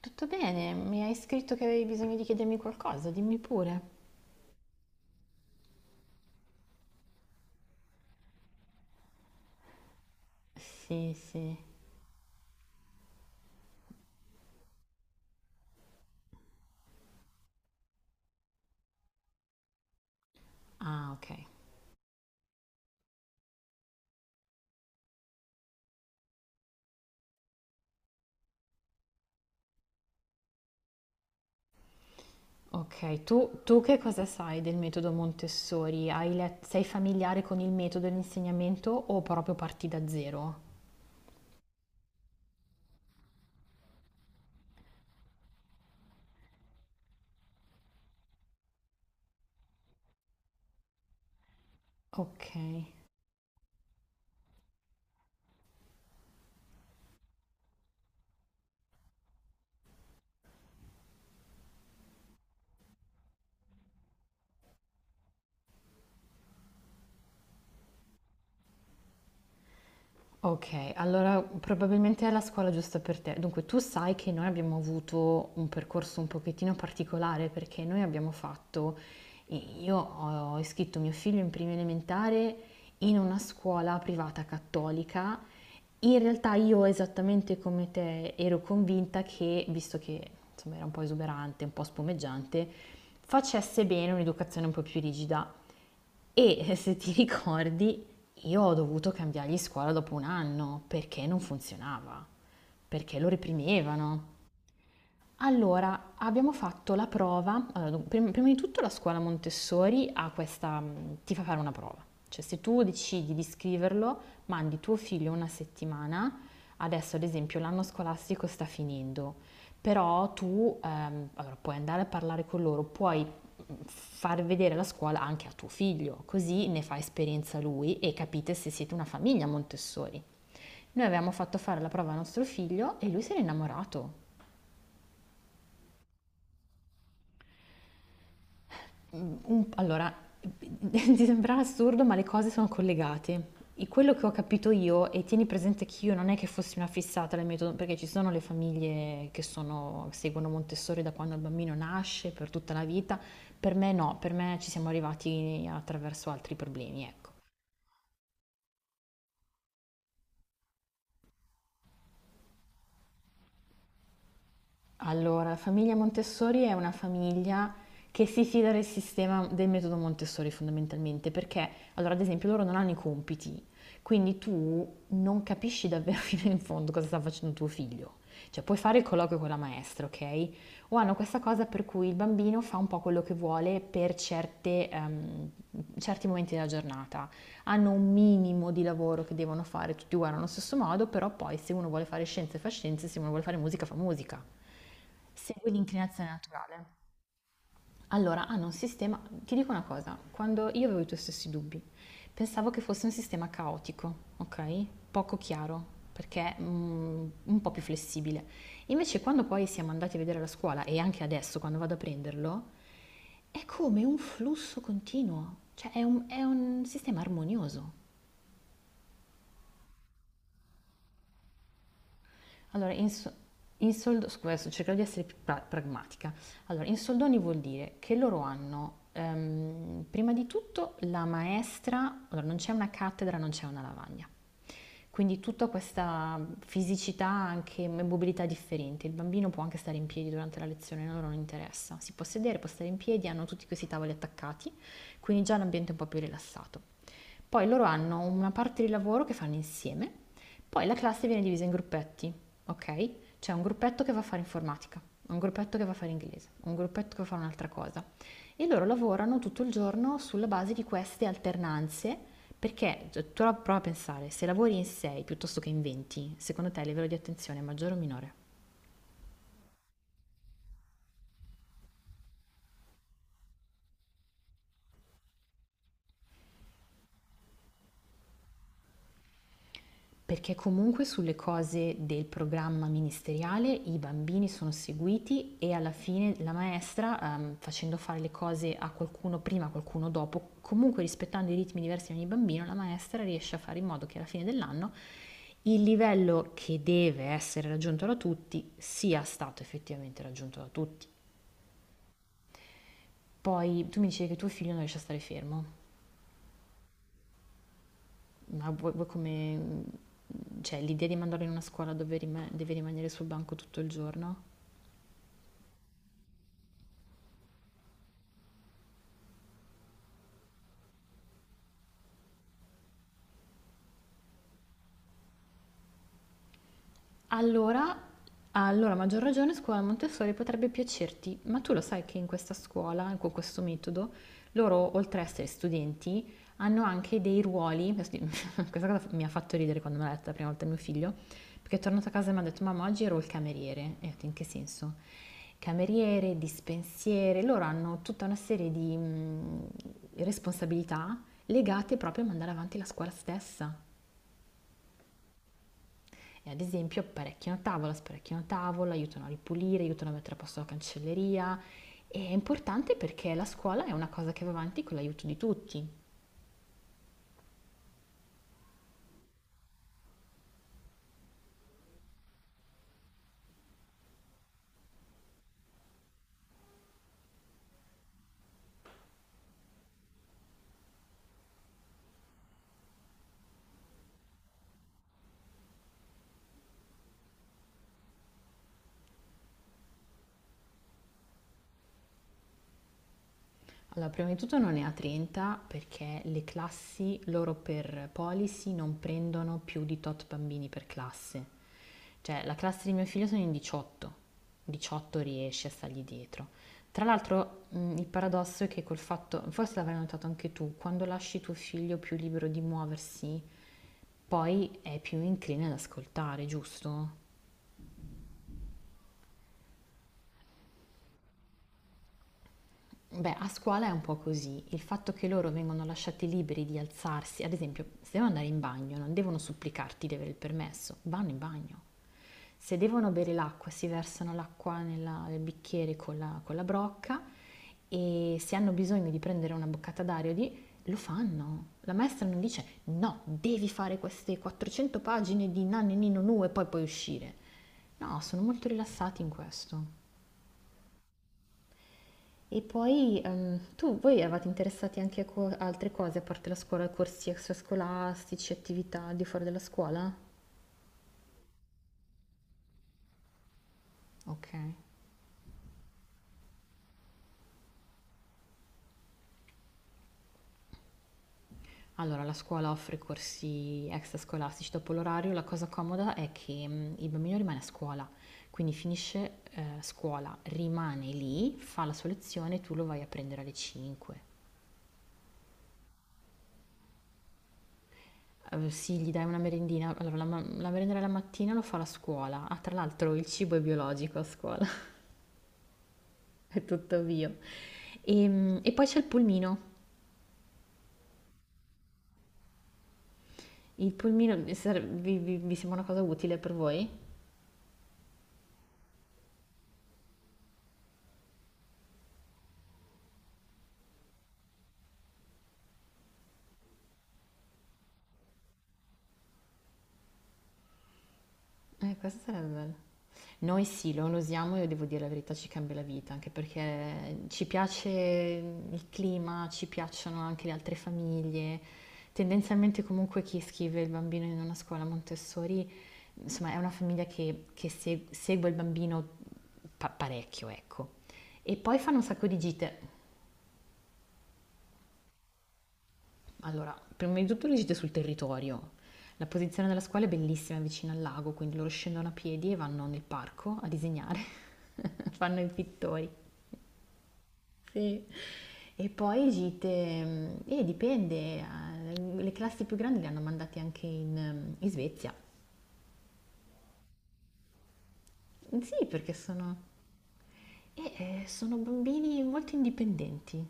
Tutto bene, mi hai scritto che avevi bisogno di chiedermi qualcosa, dimmi pure. Sì, sì. Ah, ok. Ok, tu che cosa sai del metodo Montessori? Sei familiare con il metodo e l'insegnamento o proprio parti da zero? Ok. Okay, allora probabilmente è la scuola giusta per te. Dunque, tu sai che noi abbiamo avuto un percorso un pochettino particolare perché noi abbiamo fatto, i- io ho iscritto mio figlio in prima elementare in una scuola privata cattolica. In realtà io esattamente come te ero convinta che, visto che insomma era un po' esuberante, un po' spumeggiante, facesse bene un'educazione un po' più rigida. E se ti ricordi, io ho dovuto cambiargli scuola dopo un anno perché non funzionava, perché lo reprimevano. Allora, abbiamo fatto la prova, allora, prima di tutto la scuola Montessori ha questa, ti fa fare una prova, cioè se tu decidi di scriverlo, mandi tuo figlio una settimana, adesso ad esempio l'anno scolastico sta finendo, però tu, allora, puoi andare a parlare con loro, puoi far vedere la scuola anche a tuo figlio, così ne fa esperienza lui e capite se siete una famiglia Montessori. Noi avevamo fatto fare la prova a nostro figlio e lui si era innamorato. Allora, ti sembrerà assurdo, ma le cose sono collegate. E quello che ho capito io, e tieni presente che io non è che fossi una fissata del metodo, perché ci sono le famiglie che seguono Montessori da quando il bambino nasce, per tutta la vita, per me no, per me ci siamo arrivati attraverso altri problemi, ecco. Allora, la famiglia Montessori è una famiglia che si fida del sistema del metodo Montessori fondamentalmente, perché allora ad esempio loro non hanno i compiti, quindi tu non capisci davvero fino in fondo cosa sta facendo tuo figlio. Cioè puoi fare il colloquio con la maestra, ok? O hanno questa cosa per cui il bambino fa un po' quello che vuole per certe, certi momenti della giornata hanno un minimo di lavoro che devono fare, tutti guardano allo stesso modo, però poi se uno vuole fare scienze fa scienze, se uno vuole fare musica fa musica. Segue l'inclinazione naturale. Allora, hanno un sistema, ti dico una cosa, quando io avevo i tuoi stessi dubbi, pensavo che fosse un sistema caotico, ok? Poco chiaro, perché un po' più flessibile. Invece quando poi siamo andati a vedere la scuola e anche adesso quando vado a prenderlo, è come un flusso continuo, cioè è un sistema armonioso. Allora, in, so- in soldo- scusa, adesso cercherò di essere più pragmatica. Allora, in soldoni vuol dire che loro hanno prima di tutto, la maestra, allora non c'è una cattedra, non c'è una lavagna. Quindi tutta questa fisicità, anche mobilità differente. Il bambino può anche stare in piedi durante la lezione, a loro non interessa. Si può sedere, può stare in piedi, hanno tutti questi tavoli attaccati, quindi già l'ambiente è un po' più rilassato. Poi loro hanno una parte di lavoro che fanno insieme, poi la classe viene divisa in gruppetti, ok? C'è un gruppetto che va a fare informatica, un gruppetto che va a fare inglese, un gruppetto che va a fare un'altra cosa. E loro lavorano tutto il giorno sulla base di queste alternanze, perché cioè, tu prova a pensare, se lavori in 6 piuttosto che in 20, secondo te il livello di attenzione è maggiore o minore? Perché comunque sulle cose del programma ministeriale i bambini sono seguiti e alla fine la maestra, facendo fare le cose a qualcuno prima, a qualcuno dopo, comunque rispettando i ritmi diversi di ogni bambino, la maestra riesce a fare in modo che alla fine dell'anno il livello che deve essere raggiunto da tutti sia stato effettivamente raggiunto da tutti. Poi tu mi dicevi che tuo figlio non riesce a stare fermo, ma vuoi come... Cioè, l'idea di mandarlo in una scuola dove deve rimanere sul banco tutto il giorno? Allora, allora, a maggior ragione, scuola Montessori potrebbe piacerti, ma tu lo sai che in questa scuola, con questo metodo, loro, oltre a essere studenti, hanno anche dei ruoli. Questa cosa mi ha fatto ridere quando me l'ha detta la prima volta mio figlio, perché è tornato a casa e mi ha detto: Mamma, oggi ero il cameriere. E ho detto: In che senso? Cameriere, dispensiere, loro hanno tutta una serie di responsabilità legate proprio a mandare avanti la scuola stessa. E ad esempio apparecchiano tavola, sparecchiano tavola, aiutano a ripulire, aiutano a mettere a posto la cancelleria. E è importante perché la scuola è una cosa che va avanti con l'aiuto di tutti. Allora, prima di tutto non è a 30 perché le classi loro per policy non prendono più di tot bambini per classe. Cioè, la classe di mio figlio sono in 18, 18 riesce a stargli dietro. Tra l'altro, il paradosso è che col fatto, forse l'avrai notato anche tu, quando lasci tuo figlio più libero di muoversi, poi è più incline ad ascoltare, giusto? Beh, a scuola è un po' così. Il fatto che loro vengono lasciati liberi di alzarsi, ad esempio, se devono andare in bagno, non devono supplicarti di avere il permesso, vanno in bagno. Se devono bere l'acqua, si versano l'acqua nel bicchiere con con la brocca e se hanno bisogno di prendere una boccata d'aria, lo fanno. La maestra non dice no, devi fare queste 400 pagine di nanni nino nu e poi puoi uscire. No, sono molto rilassati in questo. E poi voi eravate interessati anche a altre cose, a parte la scuola, corsi extrascolastici, attività al di fuori della scuola? Ok. Allora, la scuola offre corsi extrascolastici dopo l'orario. La cosa comoda è che il bambino rimane a scuola, quindi finisce scuola, rimane lì, fa la sua lezione e tu lo vai a prendere alle 5. Sì, gli dai una merendina. Allora, la merenda della mattina lo fa la scuola. Ah, tra l'altro il cibo è biologico a scuola. È tutto mio. E, poi c'è il pulmino. Il pulmino vi, sare- vi- vi- vi sembra una cosa utile per voi? Questo sarebbe bello. Noi sì, lo usiamo e devo dire la verità, ci cambia la vita, anche perché ci piace il clima, ci piacciono anche le altre famiglie. Tendenzialmente comunque chi scrive il bambino in una scuola Montessori, insomma, è una famiglia che segue il bambino parecchio, ecco. E poi fanno un sacco di gite. Allora, prima di tutto riuscite sul territorio. La posizione della scuola è bellissima, è vicino al lago, quindi loro scendono a piedi e vanno nel parco a disegnare. Fanno i pittori. Sì. E poi gite, e dipende, le classi più grandi le hanno mandate anche in Svezia. Sì, eh, sono bambini molto indipendenti.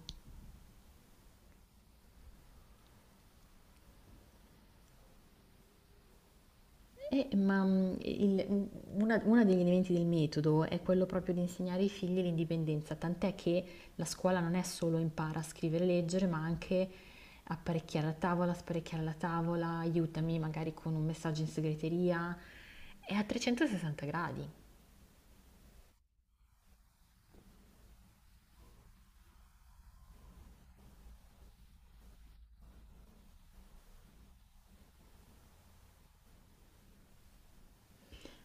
Eh, ma mm, il- mm, Uno degli elementi del metodo è quello proprio di insegnare ai figli l'indipendenza, tant'è che la scuola non è solo impara a scrivere e leggere, ma anche apparecchiare la tavola, sparecchiare la tavola, aiutami magari con un messaggio in segreteria, è a 360 gradi.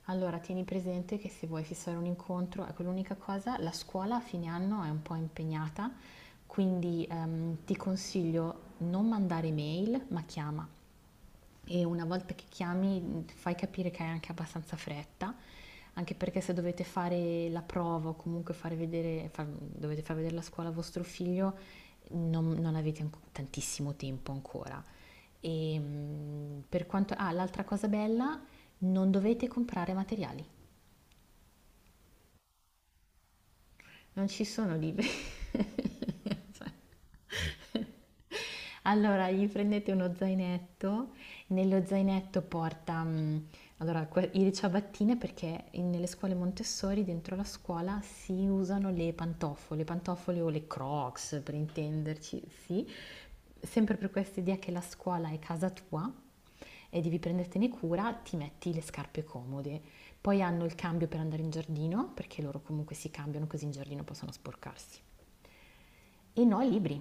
Allora, tieni presente che se vuoi fissare un incontro, ecco l'unica cosa, la scuola a fine anno è un po' impegnata, quindi ti consiglio non mandare mail, ma chiama. E una volta che chiami fai capire che hai anche abbastanza fretta, anche perché se dovete fare la prova o comunque fare vedere, dovete far vedere la scuola a vostro figlio, non avete tantissimo tempo ancora. E, l'altra cosa bella, non dovete comprare materiali. Non ci sono liberi. Allora, gli prendete uno zainetto, nello zainetto porta le ciabattine perché nelle scuole Montessori, dentro la scuola, si usano le pantofole o le Crocs per intenderci, sì, sempre per questa idea che la scuola è casa tua e devi prendertene cura, ti metti le scarpe comode. Poi hanno il cambio per andare in giardino, perché loro comunque si cambiano così in giardino possono sporcarsi. E no ai libri,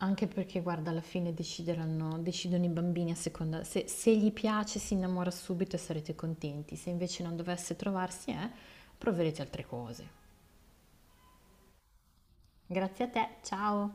anche perché guarda alla fine decideranno, decidono i bambini a seconda, se, se gli piace si innamora subito e sarete contenti, se invece non dovesse trovarsi, proverete altre cose. Grazie a te, ciao!